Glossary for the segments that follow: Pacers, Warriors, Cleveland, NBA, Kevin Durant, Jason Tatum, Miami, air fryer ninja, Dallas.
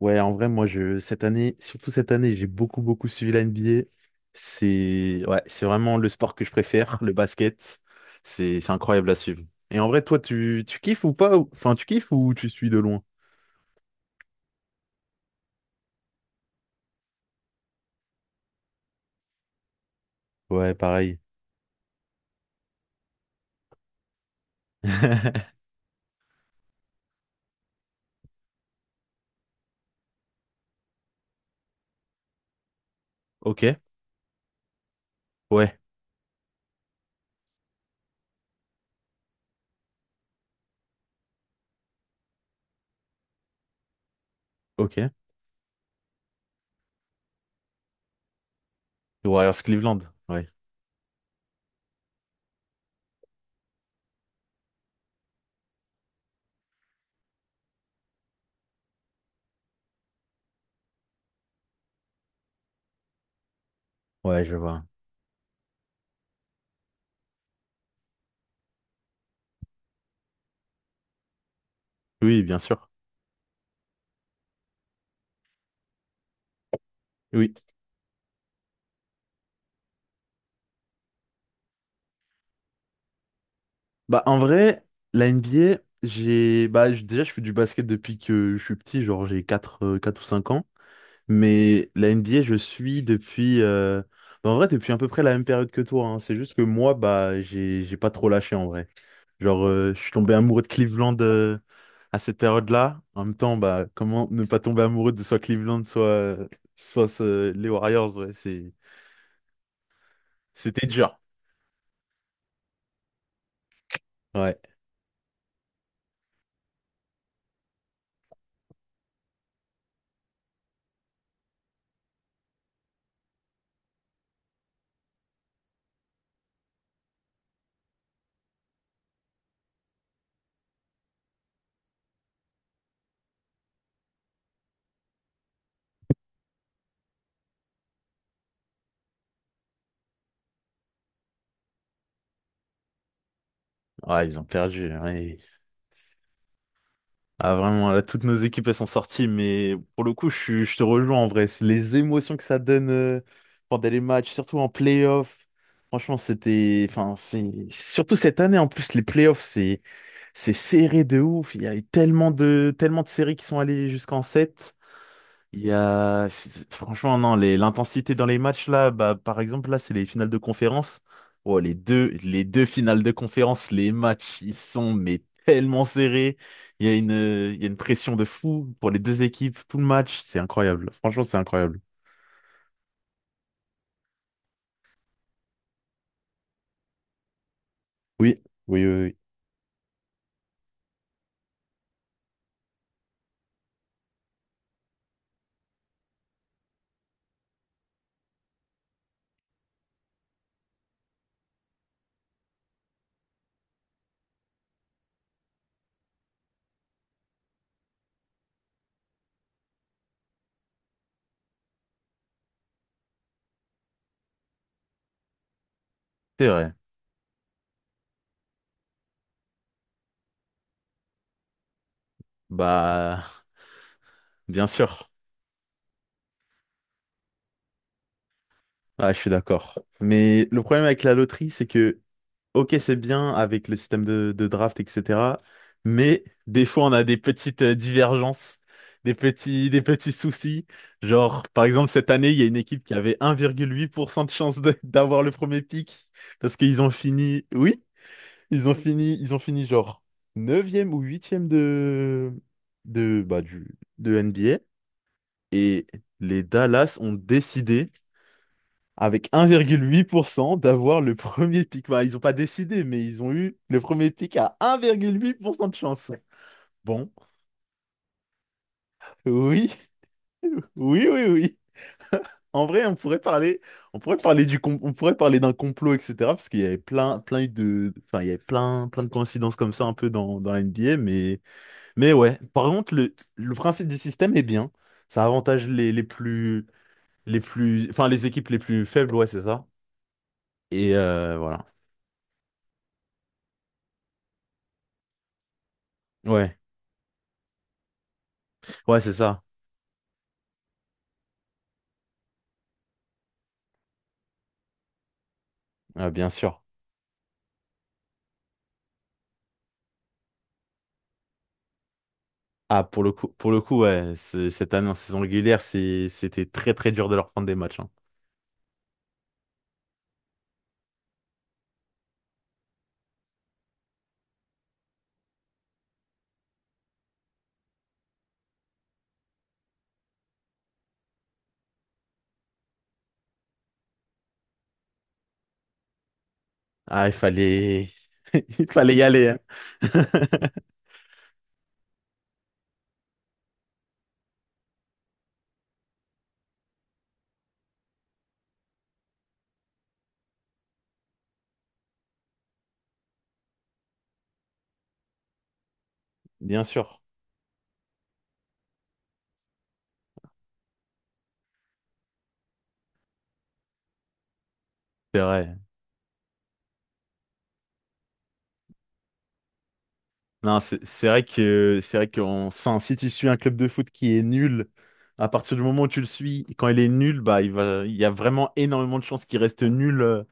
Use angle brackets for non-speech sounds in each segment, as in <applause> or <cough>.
Ouais, en vrai, moi, cette année, surtout cette année, j'ai beaucoup, beaucoup suivi la NBA. Ouais, c'est vraiment le sport que je préfère, <laughs> le basket. C'est incroyable à suivre. Et en vrai, toi, tu kiffes ou pas? Enfin, tu kiffes ou tu suis de loin? Ouais, pareil. <laughs> Ok, ouais, ok. Les Warriors Cleveland, ouais. Ouais, je vois. Oui, bien sûr. Oui. Bah, en vrai, la NBA, bah, déjà, je fais du basket depuis que je suis petit, genre, j'ai 4 ou 5 ans. Mais la NBA, je suis bah, en vrai, depuis à peu près la même période que toi. Hein. C'est juste que moi, bah, j'ai pas trop lâché en vrai. Genre, je suis tombé amoureux de Cleveland à cette période-là. En même temps, bah, comment ne pas tomber amoureux de soit Cleveland, soit les Warriors, ouais, c'était dur. Ouais. Ouais, ils ont perdu. Ouais. Ah vraiment, là, toutes nos équipes, elles sont sorties, mais pour le coup, je te rejoins en vrai. C'est les émotions que ça donne pendant les matchs, surtout en playoff. Franchement, enfin, surtout cette année, en plus, les playoffs, c'est serré de ouf. Il y a eu tellement de séries qui sont allées jusqu'en 7. Il y a... c'est- Franchement, non, l'intensité dans les matchs, là, bah, par exemple, là, c'est les finales de conférence. Oh, les deux finales de conférence, les matchs, ils sont mais tellement serrés. Il y a une pression de fou pour les deux équipes, tout le match. C'est incroyable. Franchement, c'est incroyable. Oui, oui, oui, oui. C'est vrai. Bah, bien sûr. Ah, je suis d'accord. Mais le problème avec la loterie, c'est que ok, c'est bien avec le système de draft, etc. Mais des fois, on a des petites divergences, des petits soucis. Genre, par exemple, cette année, il y a une équipe qui avait 1,8% de chance <laughs> d'avoir le premier pick parce qu'ils ont fini, oui, ils ont fini genre neuvième ou huitième de, bah, du, de NBA. Et les Dallas ont décidé avec 1,8% d'avoir le premier pic. Bah, ils n'ont pas décidé, mais ils ont eu le premier pic à 1,8% de chance. Bon, oui, <laughs> oui, oui, oui. En vrai, on pourrait parler d'un complot, etc. Parce qu'il y avait plein, plein de, enfin, il y avait plein, plein de coïncidences comme ça un peu dans la NBA, mais ouais. Par contre, le principe du système est bien. Ça avantage enfin, les équipes les plus faibles, ouais, c'est ça. Et voilà. Ouais, ouais, c'est ça. Ah, bien sûr. Ah, pour le coup, ouais, cette année en saison régulière, c'était très très dur de leur prendre des matchs. Hein. Ah, il fallait, <laughs> il fallait y aller. Hein. <laughs> Bien sûr, c'est vrai. Non, c'est vrai que c'est vrai qu'on sent, si tu suis un club de foot qui est nul, à partir du moment où tu le suis, quand il est nul, bah il y a vraiment énormément de chances qu'il reste nul,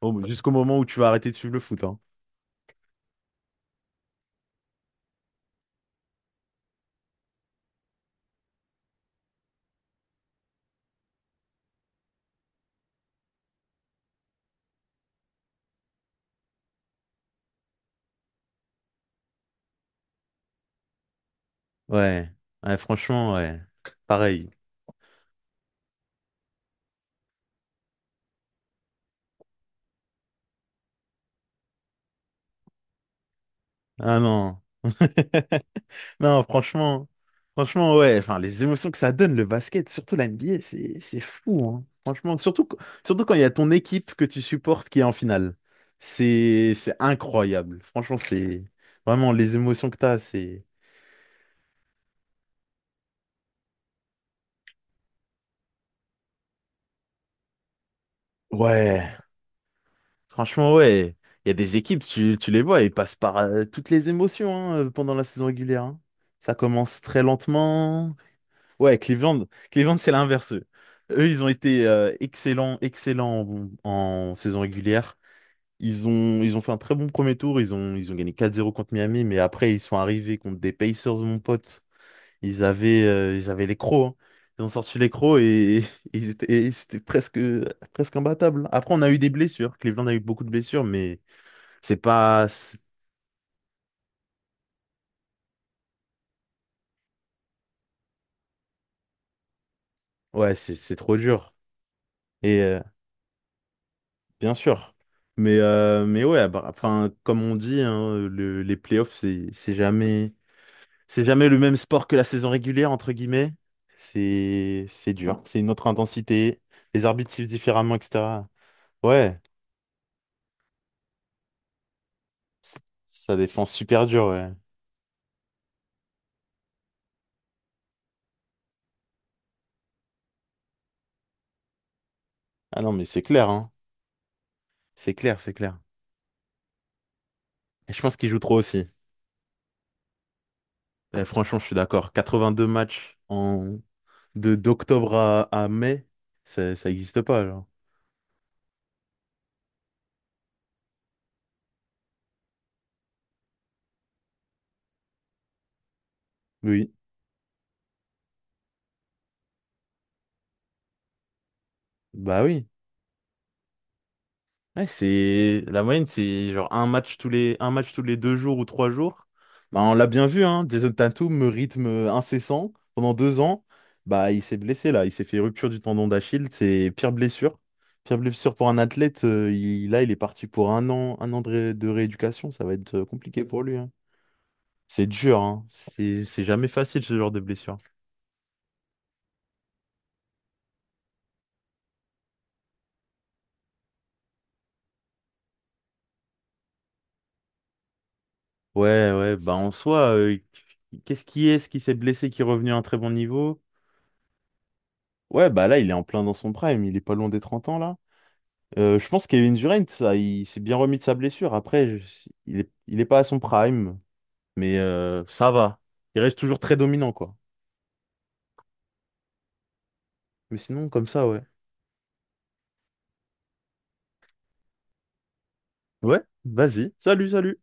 jusqu'au moment où tu vas arrêter de suivre le foot, hein. Ouais. Ouais, franchement, ouais. Pareil. Ah non. <laughs> Non, franchement, franchement, ouais, enfin, les émotions que ça donne, le basket, surtout la NBA, c'est fou, hein. Franchement, surtout, surtout quand il y a ton équipe que tu supportes qui est en finale. C'est incroyable. Franchement, c'est vraiment les émotions que t'as, ouais, franchement, ouais. Il y a des équipes, tu les vois, ils passent par, toutes les émotions, hein, pendant la saison régulière, hein. Ça commence très lentement. Ouais, Cleveland, Cleveland, c'est l'inverse. Eux, Ils ont été excellents, excellents en saison régulière. Ils ont fait un très bon premier tour. Ils ont gagné 4-0 contre Miami, mais après, ils sont arrivés contre des Pacers, mon pote. Ils avaient les crocs. Hein. Ils ont sorti les crocs et, <laughs> et et c'était presque, presque imbattables. Après, on a eu des blessures. Cleveland a eu beaucoup de blessures, mais c'est pas. Ouais, c'est trop dur. Et bien sûr. Mais ouais, bah, enfin, comme on dit, hein, les playoffs, c'est jamais le même sport que la saison régulière, entre guillemets. C'est dur. C'est une autre intensité. Les arbitres sifflent différemment, etc. Ouais, c- ça défend super dur, ouais. Ah non, mais c'est clair, hein. C'est clair, c'est clair. Et je pense qu'ils jouent trop aussi. Eh, franchement, je suis d'accord. 82 matchs d'octobre à mai, ça existe pas, genre. Oui. Bah oui. Ouais, c'est la moyenne, c'est genre un match tous les 2 jours ou 3 jours. Bah, on l'a bien vu, hein. Jason Tatum, rythme incessant pendant 2 ans. Bah, il s'est blessé là, il s'est fait rupture du tendon d'Achille, c'est pire blessure. Pire blessure pour un athlète. Là, il est parti pour un an de rééducation. Ça va être compliqué pour lui. Hein. C'est dur, hein. C'est jamais facile ce genre de blessure. Ouais, ouais. Bah en soi, qu'est-ce qui est-ce qui s'est blessé qui est revenu à un très bon niveau? Ouais, bah là, il est en plein dans son prime, il est pas loin des 30 ans, là. Je pense que Kevin Durant, ça, il s'est bien remis de sa blessure. Après, il est pas à son prime, mais ça va. Il reste toujours très dominant, quoi. Mais sinon, comme ça, ouais. Ouais, vas-y. Salut, salut.